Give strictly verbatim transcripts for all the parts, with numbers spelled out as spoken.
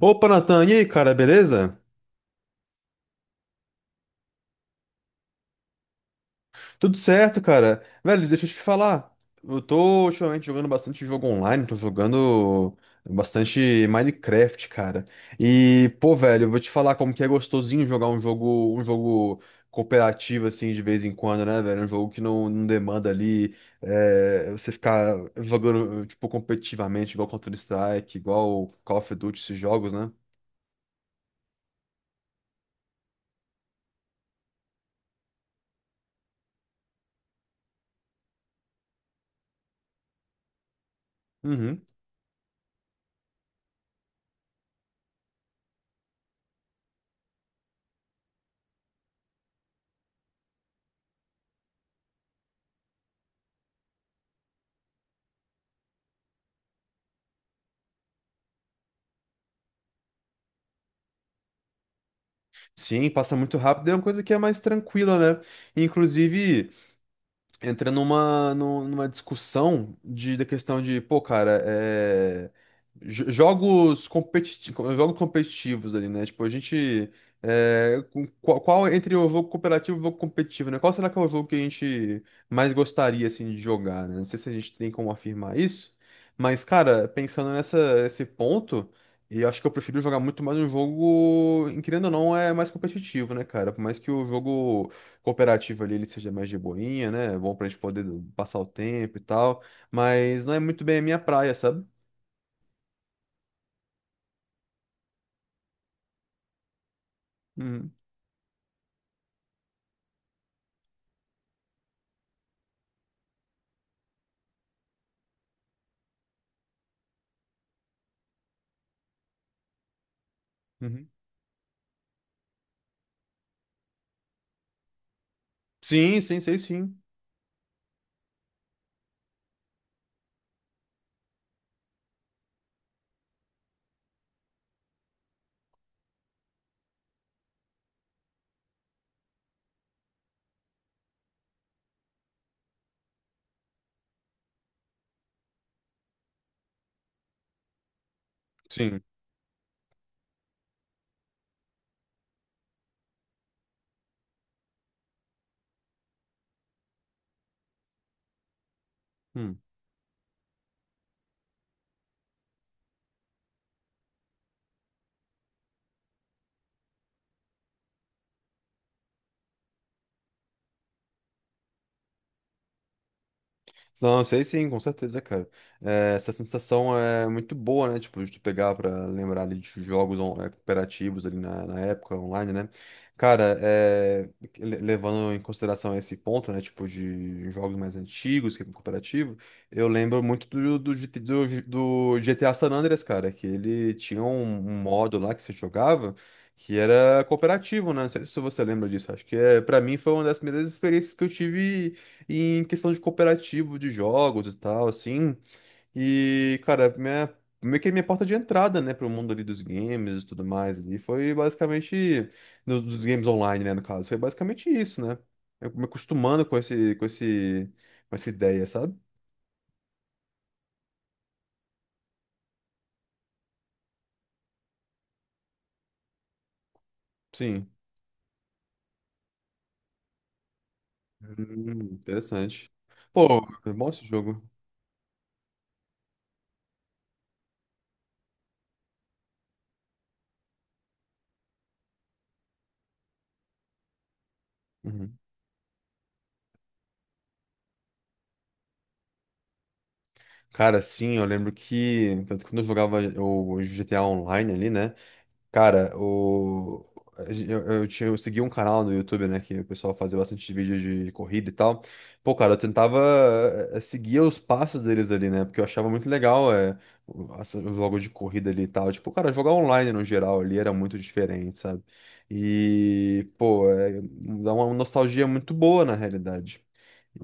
Opa, Natan, e aí, cara, beleza? Tudo certo, cara. Velho, deixa eu te falar. Eu tô ultimamente jogando bastante jogo online, tô jogando bastante Minecraft, cara. E, pô, velho, eu vou te falar como que é gostosinho jogar um jogo, um jogo cooperativo, assim, de vez em quando, né, velho? Um jogo que não, não demanda ali é, você ficar jogando, tipo, competitivamente, igual Counter-Strike, igual Call of Duty, esses jogos, né? Uhum. Sim, passa muito rápido, é uma coisa que é mais tranquila, né? Inclusive entra numa, nu- numa discussão de, da questão de, pô, cara, é, jo- jogos competitivos, jogos competitivos ali, né? Tipo, a gente. é, com- qual, qual entre o jogo cooperativo e o jogo competitivo, né? Qual será que é o jogo que a gente mais gostaria, assim, de jogar, né? Não sei se a gente tem como afirmar isso, mas, cara, pensando nessa, nesse ponto. E eu acho que eu prefiro jogar muito mais um jogo, em- querendo ou não, é mais competitivo, né, cara? Por mais que o jogo cooperativa ali ele seja mais de boinha, né? É bom pra gente poder passar o tempo e tal. Mas não é muito bem a minha praia, sabe? Uhum, uhum. Sim, sim, sei sim. Sim. Não, sei sim, com certeza, cara. É, essa sensação é muito boa, né? Tipo, de tu pegar pra lembrar ali de jogos on- eh, cooperativos ali na, na época online, né? Cara, é, le- levando em consideração esse ponto, né? Tipo, de jogos mais antigos, que é cooperativo, eu lembro muito do, do, G T do G- do G T A San Andreas, cara, que ele tinha um, um modo lá que você jogava que era cooperativo, né? Não sei se você lembra disso. Acho que é, pra mim foi uma das primeiras experiências que eu tive em questão de cooperativo de jogos e tal, assim. E, cara, minha, meio que minha porta de entrada, né, pro mundo ali dos games e tudo mais ali, foi basicamente, no- dos games online, né, no caso, foi basicamente isso, né? Eu me acostumando com esse, com esse, com essa ideia, sabe? Sim. Hum, interessante. Pô, é bom esse jogo. Uhum. Cara, sim, eu lembro que, tanto que quando eu jogava o G T A Online ali, né? Cara, o... eu, eu, tinha- eu segui um canal no YouTube, né? Que o pessoal fazia bastante vídeo de corrida e tal. Pô, cara, eu tentava eh, seguir os passos deles ali, né? Porque eu achava muito legal é, o- as- os jogos de corrida ali e tal. Tipo, cara, jogar online no geral ali era muito diferente, sabe? E, pô, é, dá uma nostalgia muito boa na realidade.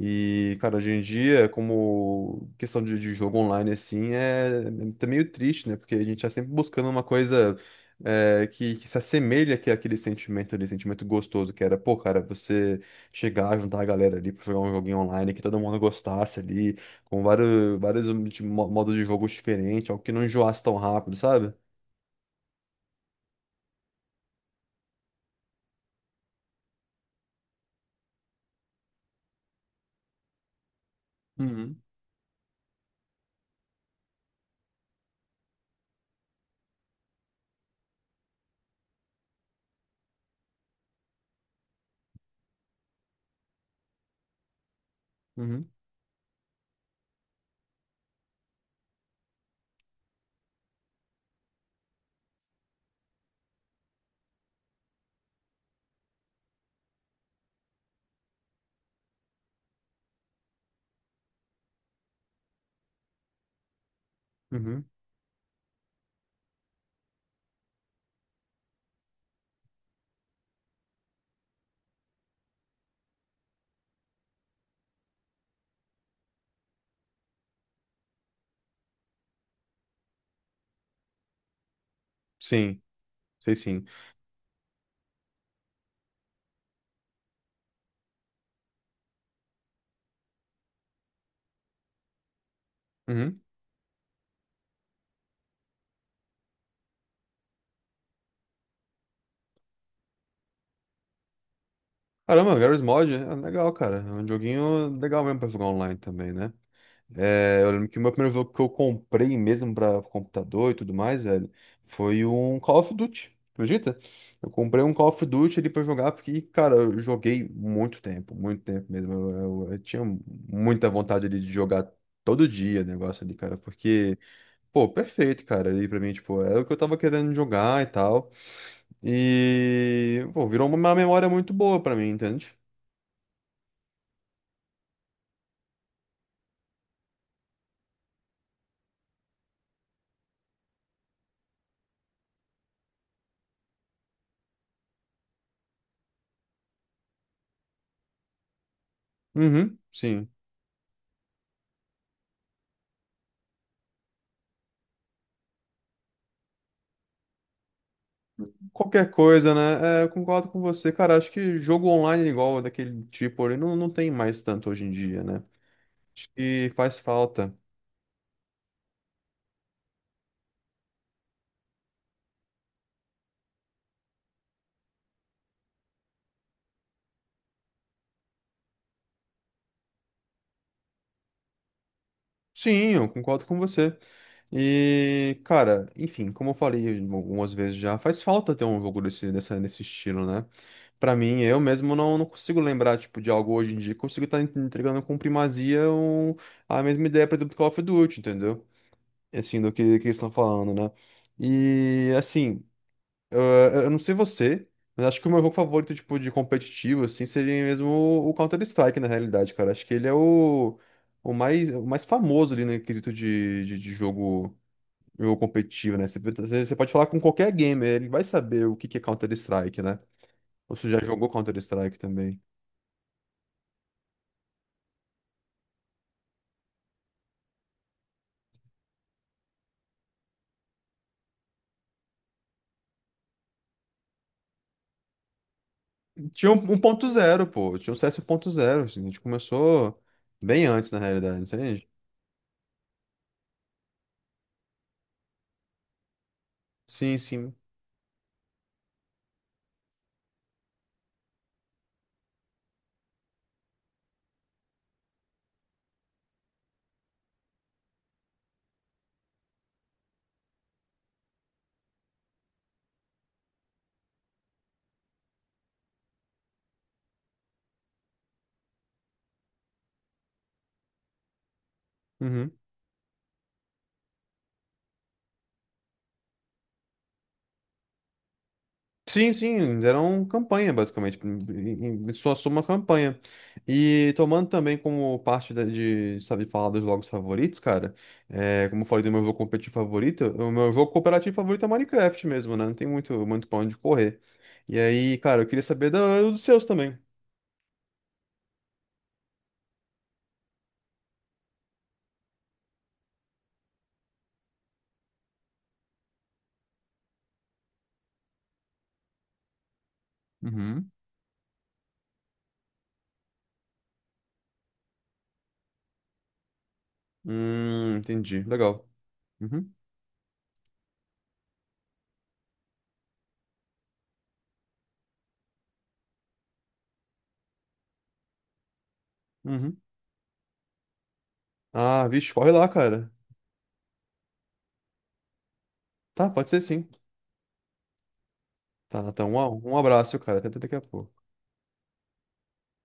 E, cara, hoje em dia, como questão de, de jogo online, assim, é, é tá meio triste, né? Porque a gente tá sempre buscando uma coisa é, que, que se assemelha que aquele sentimento ali, sentimento gostoso, que era, pô, cara, você chegar, juntar a galera ali pra jogar um joguinho online que todo mundo gostasse ali, com vários, vários de mo- modos de jogo diferentes, algo que não enjoasse tão rápido, sabe? Uhum, uhum. Uhum. Sim, sei sim. Uhum. Caramba, Garry's Mod é legal, cara. É um joguinho legal mesmo pra jogar online também, né? É, eu lembro que o meu primeiro jogo que eu comprei mesmo pra computador e tudo mais, velho, foi um Call of Duty. Acredita? Eu comprei um Call of Duty ali pra jogar, porque, cara, eu joguei muito tempo, muito tempo mesmo. Eu, eu- eu tinha muita vontade ali de jogar todo dia o negócio ali, cara, porque, pô, perfeito, cara, ali pra mim, tipo, era o que eu tava querendo jogar e tal. E, pô, virou uma memória muito boa pra mim, entende? Uhum, sim. Qualquer coisa, né? É, eu concordo com você. Cara, acho que jogo online é igual daquele tipo ali não, não tem mais tanto hoje em dia, né? Acho que faz falta. Sim, eu concordo com você. E, cara, enfim, como eu falei algumas vezes já, faz falta ter um jogo desse, dessa, nesse estilo, né? Pra mim, eu mesmo não, não consigo lembrar, tipo, de algo hoje em dia. Consigo estar entregando com primazia um- a mesma ideia, por exemplo, do Call of Duty, entendeu? Assim, do que, que eles estão falando, né? E, assim... Eu, eu não sei você, mas acho que o meu jogo favorito, tipo, de competitivo, assim, seria mesmo o o Counter-Strike, na realidade, cara. Acho que ele é o, o mais, o mais famoso ali no quesito de, de, de jogo, jogo competitivo, né? Você, você você pode falar com qualquer gamer, ele vai saber o que que é Counter-Strike, né? Ou você já jogou Counter-Strike também. Tinha um um ponto zero, pô. Tinha um C S um ponto zero, assim. A gente começou bem antes, na realidade, entende? Sim, sim. Sim, sim, deram campanha, basicamente. Em em- sua soma, campanha. E tomando também como parte da- de, sabe, falar dos jogos favoritos, cara, é, como eu falei do meu jogo competitivo favorito, o meu jogo cooperativo favorito é Minecraft mesmo, né? Não tem muito, muito pra onde correr. E aí, cara, eu queria saber do- dos seus também. Uhum. Hum, entendi. Legal. Uhum, uhum. Ah, vixe, corre lá, cara. Tá, pode ser sim. Tá, então, um, um abraço, cara. Até até daqui a pouco.